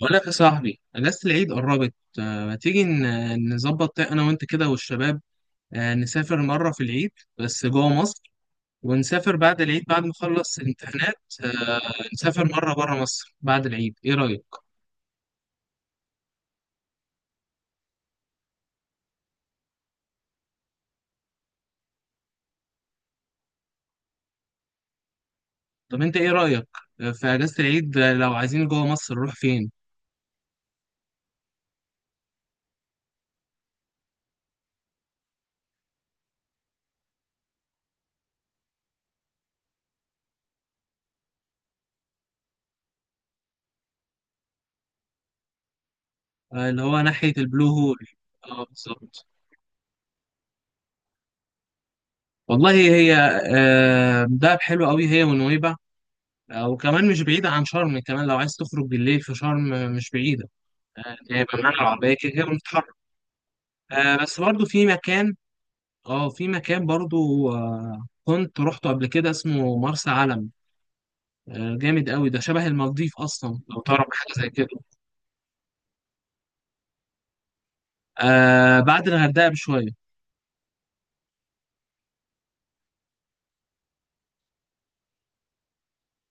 بقول لك يا صاحبي، اجازة العيد قربت. ما تيجي نظبط انا وانت كده والشباب. نسافر مرة في العيد بس جوه مصر. ونسافر بعد العيد بعد ما نخلص الامتحانات. آه، نسافر مرة بره مصر بعد العيد، ايه رأيك؟ طب انت ايه رأيك في اجازة العيد؟ لو عايزين جوه مصر نروح فين؟ اللي هو ناحية البلو هول. اه بالظبط. والله هي دهب حلوة قوي هي ونويبع. وكمان مش بعيدة عن شرم، كمان لو عايز تخرج بالليل في شرم مش بعيدة. هيبقى معانا العربية كده كده بنتحرك. بس برضو في مكان. اه في مكان برضو كنت روحته قبل كده اسمه مرسى علم. جامد قوي، ده شبه المالديف أصلا لو تعرف حاجة زي كده. آه بعد الغردقة بشوية.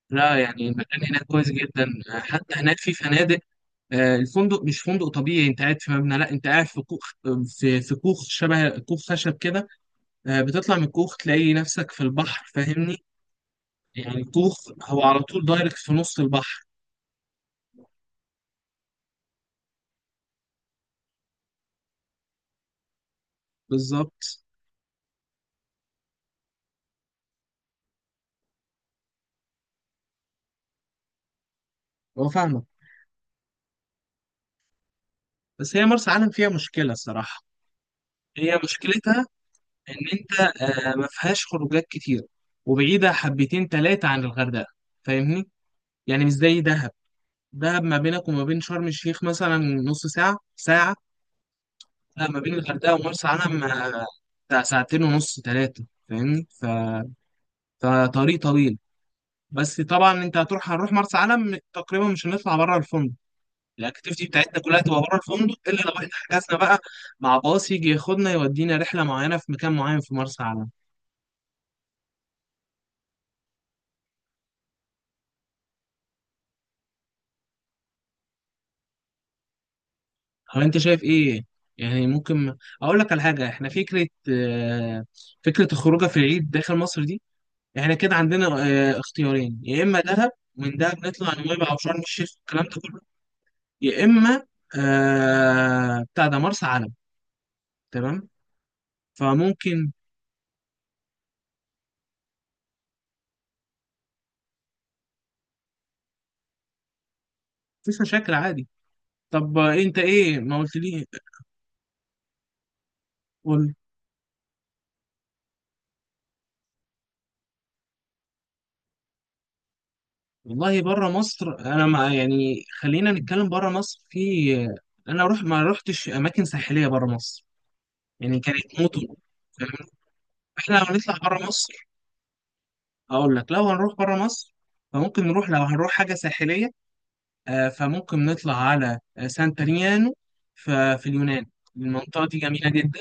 لا يعني المكان هناك كويس جدا. حتى هناك في فنادق. الفندق مش فندق طبيعي، انت قاعد في مبنى، لا انت قاعد في كوخ. في كوخ، شبه كوخ خشب كده. بتطلع من الكوخ تلاقي نفسك في البحر، فاهمني؟ يعني الكوخ هو على طول دايركت في نص البحر. بالظبط. هو فاهمك. بس هي مرسى علم فيها مشكلة الصراحة. هي مشكلتها إن أنت ما فيهاش خروجات كتير، وبعيدة حبتين تلاتة عن الغردقة، فاهمني؟ يعني مش زي دهب. دهب ما بينك وما بين شرم الشيخ مثلا نص ساعة ساعة. لا، ما بين الغردقة ومرسى علم بتاع ساعتين ونص تلاتة، فاهمني؟ فطريق طويل. بس طبعا أنت هتروح، هنروح مرسى علم تقريبا مش هنطلع بره الفندق. الاكتيفيتي بتاعتنا كلها تبقى بره الفندق الا لو احنا حجزنا بقى مع باص يجي ياخدنا يودينا رحله معينه في مكان معين في مرسى علم. هو انت شايف ايه؟ يعني ممكن اقول لك على حاجه. احنا فكره الخروجه في العيد داخل مصر دي، احنا كده عندنا اختيارين، يا اما دهب، ومن دهب نطلع نويبع او شرم الشيخ والكلام ده كله، يا اما بتاع ده مرسى علم. تمام. فممكن، مفيش مشاكل عادي. طب انت ايه ما قلت لي؟ قول. والله بره مصر انا ما يعني، خلينا نتكلم بره مصر. في انا روح ما روحتش اماكن ساحليه بره مصر، يعني كانت مطر، فاهمني؟ احنا لو نطلع بره مصر، اقول لك، لو هنروح بره مصر فممكن نروح، لو هنروح حاجه ساحليه فممكن نطلع على سانتريانو في اليونان. المنطقه دي جميله جدا.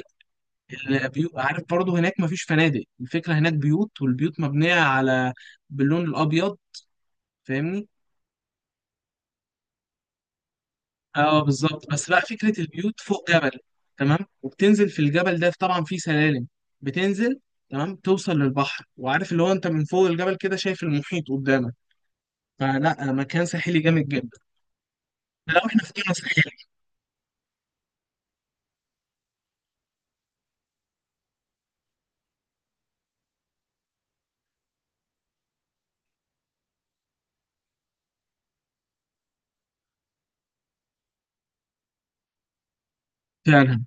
البيوت، عارف برضو هناك مفيش فنادق، الفكره هناك بيوت، والبيوت مبنيه على باللون الابيض، فاهمني. اه بالظبط. بس بقى فكرة البيوت فوق جبل، تمام، وبتنزل في الجبل ده طبعا فيه سلالم بتنزل، تمام، توصل للبحر. وعارف اللي هو انت من فوق الجبل كده شايف المحيط قدامك، فلا مكان ساحلي جامد جدا. لو احنا في قرى ساحلية. فعلا.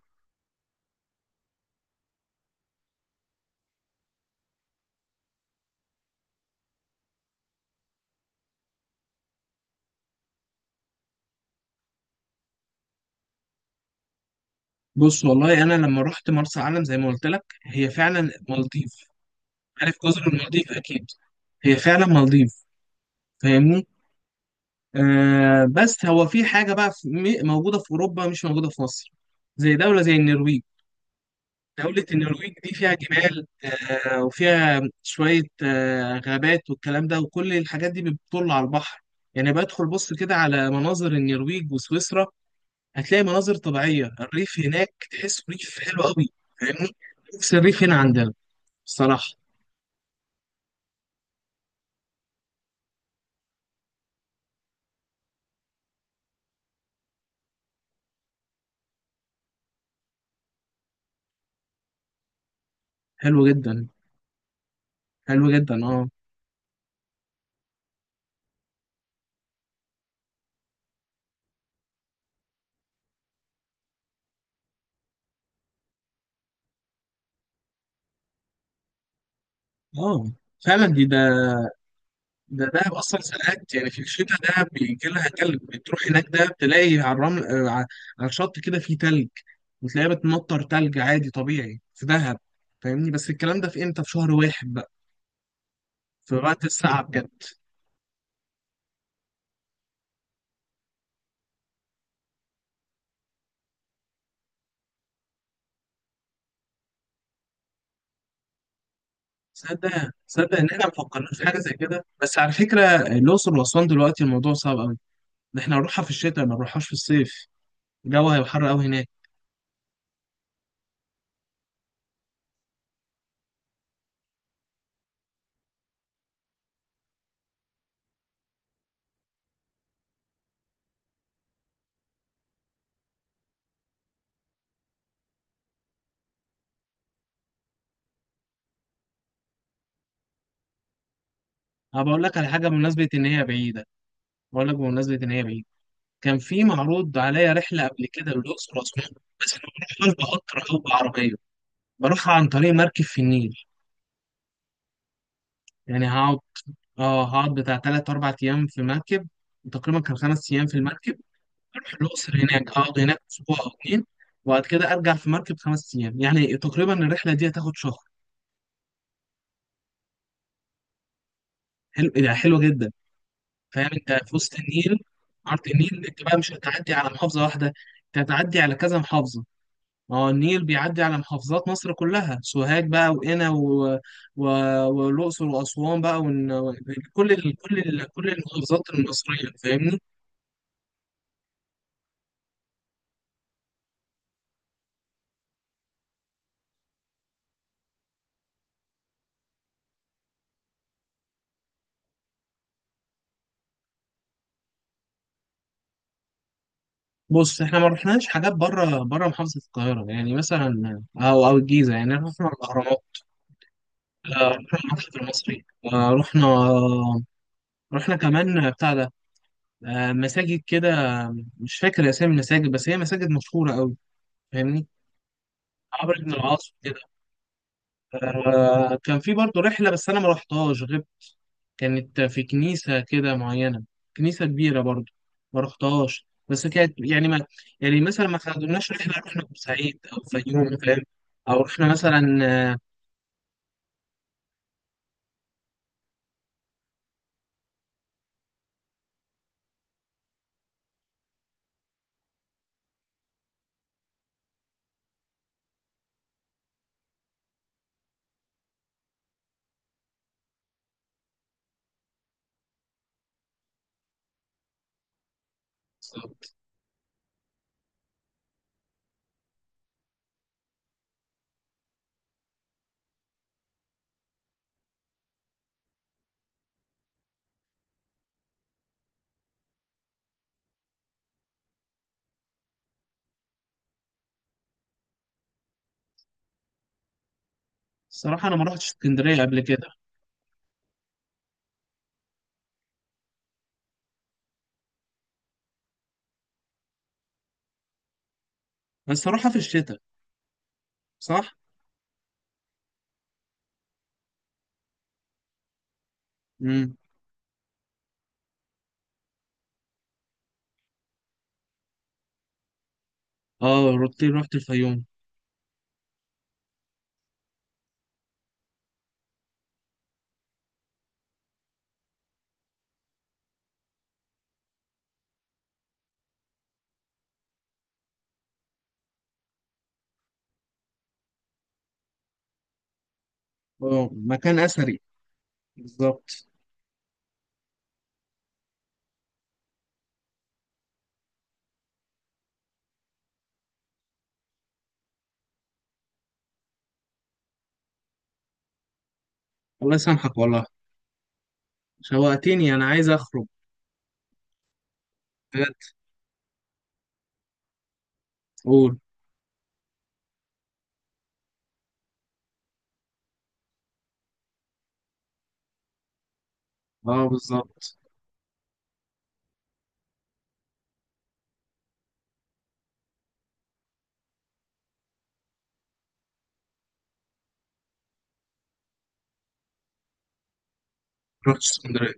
بص والله انا لما رحت مرسى علم زي ما قلت لك هي فعلا مالديف. عارف جزر المالديف اكيد. هي فعلا مالديف، فاهمني. بس هو في حاجة بقى موجودة في اوروبا مش موجودة في مصر، زي دولة زي النرويج. دولة النرويج دي فيها جبال، وفيها شوية غابات والكلام ده، وكل الحاجات دي بتطل على البحر. يعني بدخل بص كده على مناظر النرويج وسويسرا هتلاقي مناظر طبيعية، الريف هناك تحس ريف حلو قوي، فاهمني. نفس الريف هنا عندنا بصراحة. حلو جدا. حلو جدا اه. اه فعلا دي ده، ده دهب اصلا ساعات يعني في الشتاء ده بيجي لها تلج، بتروح هناك ده بتلاقي على الرمل على الشط كده في تلج. وتلاقيها بتمطر تلج عادي طبيعي في دهب، فاهمني. بس الكلام ده في امتى؟ في شهر واحد بقى، في وقت الساعة بجد. صدق صدق ان احنا ما فكرناش في حاجه زي كده. بس على فكره الاقصر واسوان دلوقتي الموضوع صعب قوي. ده احنا هنروحها في الشتاء ما نروحهاش في الصيف. الجو هيبقى حر قوي هناك. انا بقول لك على حاجه بمناسبه ان هي بعيده، بقول لك بمناسبه ان هي بعيده. كان في معروض عليا رحلة قبل كده للأقصر وأسوان. بس أنا ما بروحهاش بقطر أو بعربية، بروح عن طريق مركب في النيل. يعني هقعد، اه هقعد بتاع تلات أربع أيام في مركب. وتقريبا كان 5 أيام في المركب أروح الأقصر، هناك أقعد هناك أسبوع أو اتنين. وبعد كده أرجع في مركب 5 أيام، يعني تقريبا الرحلة دي هتاخد شهر. حلو يعني، حلوة جدا. فاهم أنت في وسط النيل، عرض النيل، أنت بقى مش هتعدي على محافظة واحدة، أنت هتعدي على كذا محافظة. ما هو النيل بيعدي على محافظات مصر كلها، سوهاج بقى وقنا و... والأقصر وأسوان بقى كل المحافظات المصرية، فاهمني. بص احنا ما رحناش حاجات بره محافظة القاهرة يعني مثلا، أو الجيزة، يعني رحنا الأهرامات، رحنا المتحف المصري، آه، رحنا رحنا كمان بتاع ده، مساجد كده. مش فاكر أسامي المساجد بس هي مساجد مشهورة أوي، فاهمني، عمرو بن العاص كده. كان في برضه رحلة بس أنا ما رحتهاش. كانت في كنيسة كده معينة، كنيسة كبيرة برضو، ما رحتهاش. بس كانت يعني ما يعني مثلا ما خدناش رحلة، رحنا بورسعيد أو الفيوم فاهم؟ أو رحنا مثلا آه، الصراحة أنا ما رحتش اسكندرية قبل كده. بس أروحها في الشتاء، صح؟ امم. اه، رحت الفيوم. اه، مكان أثري. بالظبط. الله يسامحك والله، شوقتني أنا عايز أخرج. بجد. قول. اه بالظبط. رحت اسكندرية.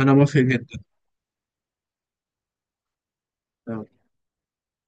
أنا موافق جدا.